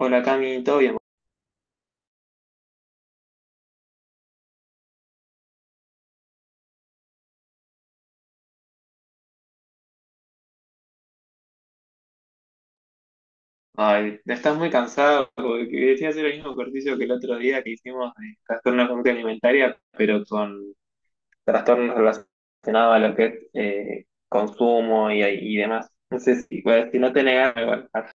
Hola Cami, ¿todo bien? Ay, estás muy cansado porque quería hacer el mismo ejercicio que el otro día que hicimos de trastorno de conducta alimentaria, pero con trastornos relacionados a lo que es consumo y demás. No sé si, pues, si no te negas, igual. ah,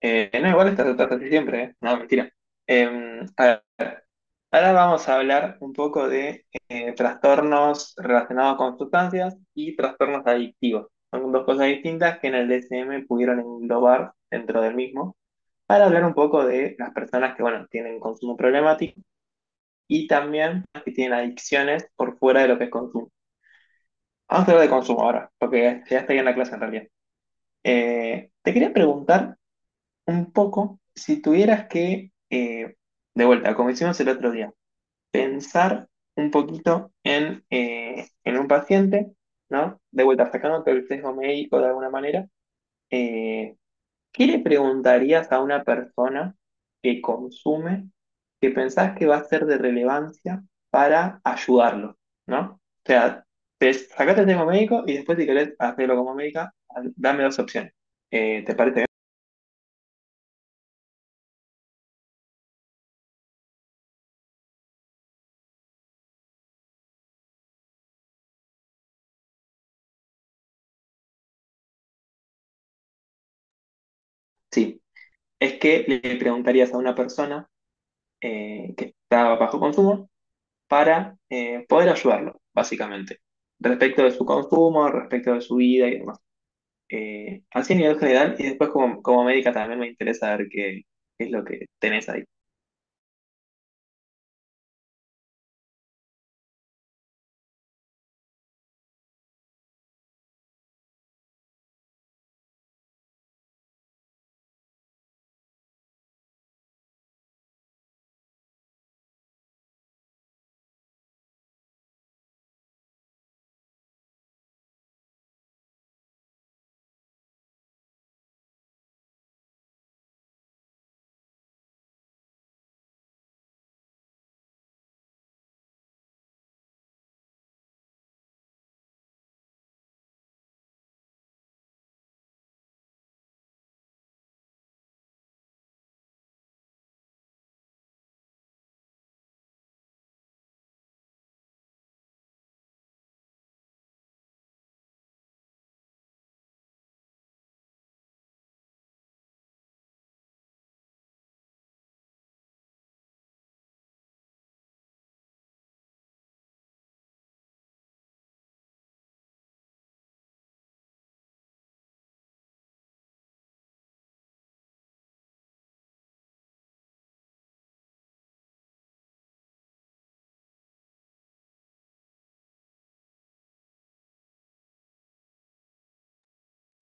Eh, No, igual estás, estás así siempre, ¿eh? No, mentira. Eh, a ver, ahora vamos a hablar un poco de trastornos relacionados con sustancias y trastornos adictivos. Son dos cosas distintas que en el DSM pudieron englobar dentro del mismo. Para hablar un poco de las personas que, bueno, tienen consumo problemático y también que tienen adicciones por fuera de lo que es consumo. Vamos a hablar de consumo ahora, porque ya estoy en la clase en realidad. Te quería preguntar un poco si tuvieras que, de vuelta, como hicimos el otro día, pensar un poquito en un paciente, ¿no? De vuelta, sacándote el sesgo médico de alguna manera, eh, ¿qué le preguntarías a una persona que consume, que pensás que va a ser de relevancia para ayudarlo? ¿No? O sea, te sacaste el tema médico y después si querés hacerlo como médica, dame dos opciones. ¿Te parece bien? Sí. Es que le preguntarías a una persona que está bajo consumo para poder ayudarlo, básicamente, respecto de su consumo, respecto de su vida y demás. Así a nivel general, y después como, como médica también me interesa ver qué, qué es lo que tenés ahí.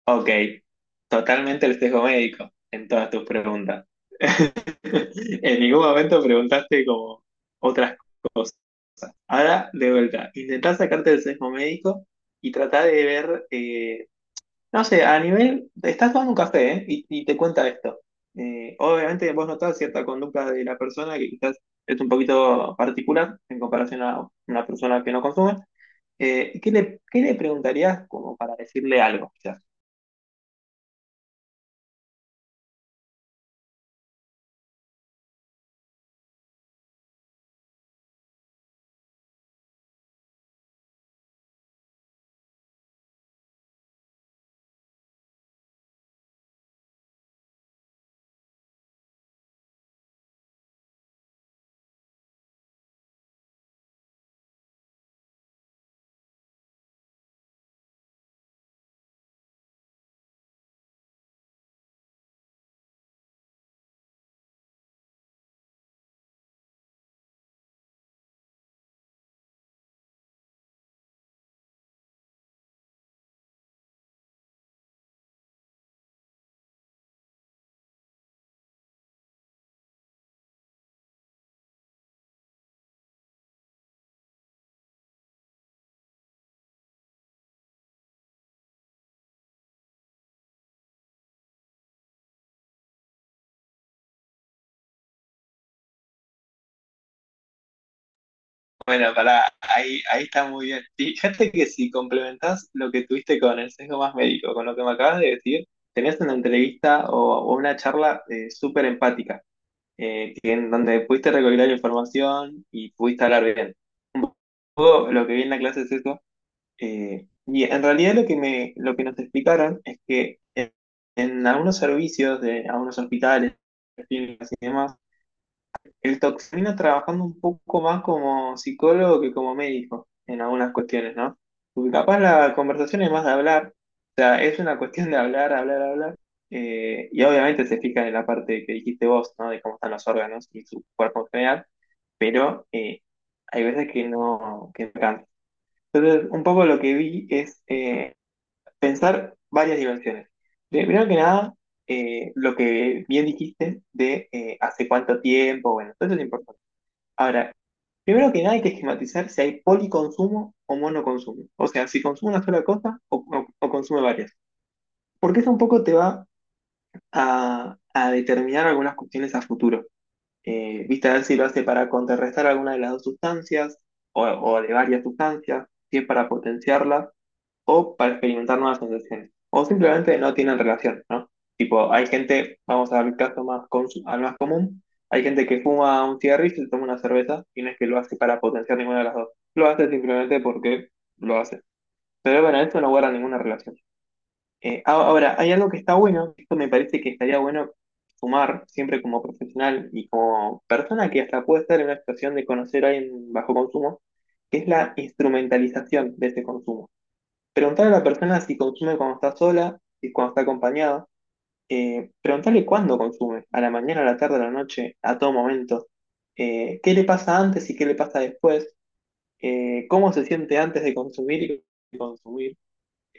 Ok, totalmente el sesgo médico en todas tus preguntas. En ningún momento preguntaste como otras cosas. Ahora, de vuelta, intentá sacarte el sesgo médico y tratá de ver, no sé, a nivel, estás tomando un café, ¿eh? Y, y te cuenta esto. Obviamente vos notás cierta conducta de la persona que quizás es un poquito particular en comparación a una persona que no consume. ¿Qué le, qué le preguntarías como para decirle algo, quizás? Bueno, para ahí, ahí está muy bien. Fíjate que si complementás lo que tuviste con el sesgo más médico, con lo que me acabas de decir, tenés una entrevista o una charla súper empática, que en donde pudiste recopilar información y pudiste hablar bien. Un poco lo que vi en la clase es eso. Y en realidad lo que me, lo que nos explicaron es que en algunos servicios de algunos hospitales, clínicas y demás, el toxino trabajando un poco más como psicólogo que como médico en algunas cuestiones, ¿no? Porque capaz la conversación es más de hablar, o sea, es una cuestión de hablar, hablar, hablar, y obviamente se fijan en la parte que dijiste vos, ¿no? De cómo están los órganos y su cuerpo en general, pero hay veces que no alcanza. Entonces, un poco lo que vi es pensar varias dimensiones. Primero que nada, lo que bien dijiste de hace cuánto tiempo, bueno, eso es importante. Ahora, primero que nada hay que esquematizar si hay policonsumo o monoconsumo. O sea, si consume una sola cosa o consume varias. Porque eso un poco te va a determinar algunas cuestiones a futuro. Viste, a ver si lo hace para contrarrestar alguna de las dos sustancias o de varias sustancias, si es para potenciarlas o para experimentar nuevas sensaciones, o simplemente no tienen relación, ¿no? Tipo, hay gente, vamos al caso más, al más común, hay gente que fuma un cigarrillo y se toma una cerveza, y no es que lo hace para potenciar ninguna de las dos, lo hace simplemente porque lo hace. Pero bueno, esto no guarda ninguna relación. Ahora, hay algo que está bueno, esto me parece que estaría bueno sumar siempre como profesional y como persona que hasta puede estar en una situación de conocer a alguien bajo consumo, que es la instrumentalización de ese consumo. Preguntar a la persona si consume cuando está sola, y cuando está acompañada. Preguntarle cuándo consume, a la mañana, a la tarde, a la noche, a todo momento. ¿Qué le pasa antes y qué le pasa después? ¿Cómo se siente antes de consumir y de consumir?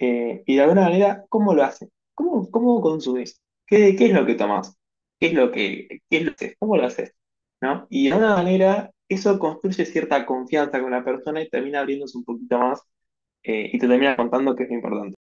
Y de alguna manera, ¿cómo lo hace? ¿Cómo, cómo consumís? ¿Qué, qué es lo que tomás? ¿Qué es lo que, qué es lo que haces? ¿Cómo lo haces? ¿No? Y de alguna manera, eso construye cierta confianza con la persona y termina abriéndose un poquito más, y te termina contando que es lo importante.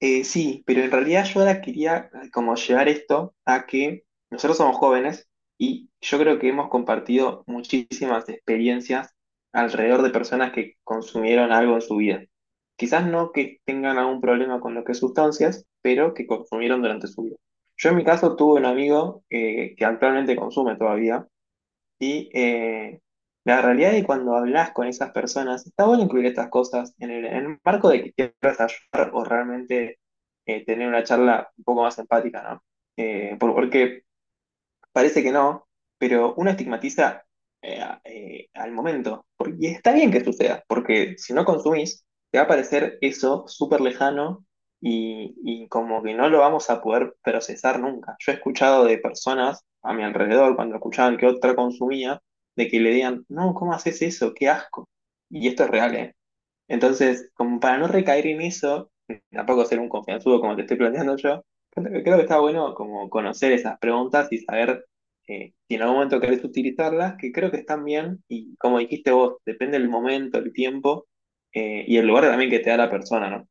Sí, pero en realidad yo ahora quería como llevar esto a que nosotros somos jóvenes y yo creo que hemos compartido muchísimas experiencias alrededor de personas que consumieron algo en su vida. Quizás no que tengan algún problema con lo que es sustancias, pero que consumieron durante su vida. Yo en mi caso tuve un amigo que actualmente consume todavía y la realidad de cuando hablas con esas personas, está bueno incluir estas cosas en el marco de que quieras ayudar o realmente tener una charla un poco más empática, ¿no? Porque parece que no, pero uno estigmatiza al momento. Por- Y está bien que suceda, porque si no consumís, te va a parecer eso súper lejano y como que no lo vamos a poder procesar nunca. Yo he escuchado de personas a mi alrededor, cuando escuchaban que otra consumía, de que le digan, no, ¿cómo haces eso? ¡Qué asco! Y esto es real, ¿eh? Entonces, como para no recaer en eso, tampoco ser un confianzudo como te estoy planteando yo, creo que está bueno como conocer esas preguntas y saber si en algún momento querés utilizarlas, que creo que están bien y como dijiste vos, depende del momento, el tiempo y el lugar también que te da la persona, ¿no?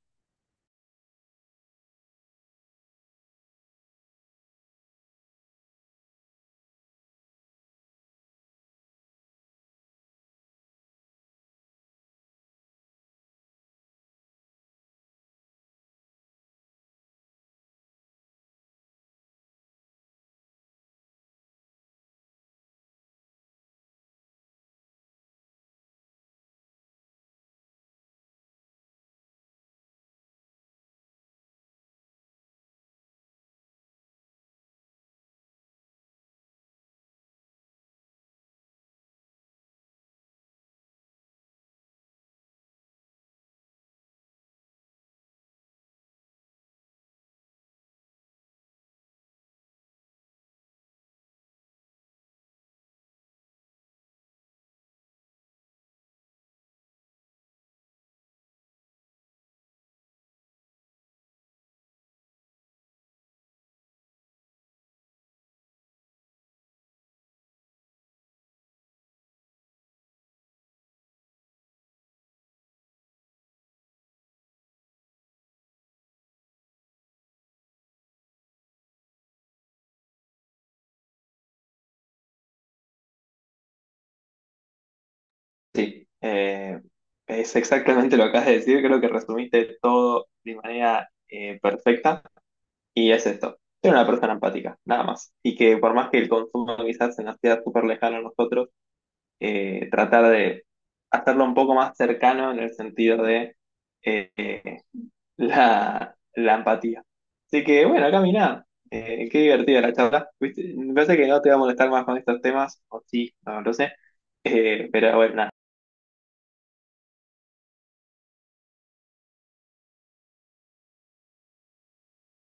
Sí, es exactamente lo que acabas de decir, creo que resumiste todo de manera perfecta, y es esto, ser una persona empática, nada más, y que por más que el consumo quizás en la ciudad súper lejana a nosotros, tratar de hacerlo un poco más cercano en el sentido de eh, la, la empatía. Así que bueno, caminá. Qué divertida la charla. ¿Viste? Me parece que no te va a molestar más con estos temas, o sí, no lo sé. Pero bueno, nada.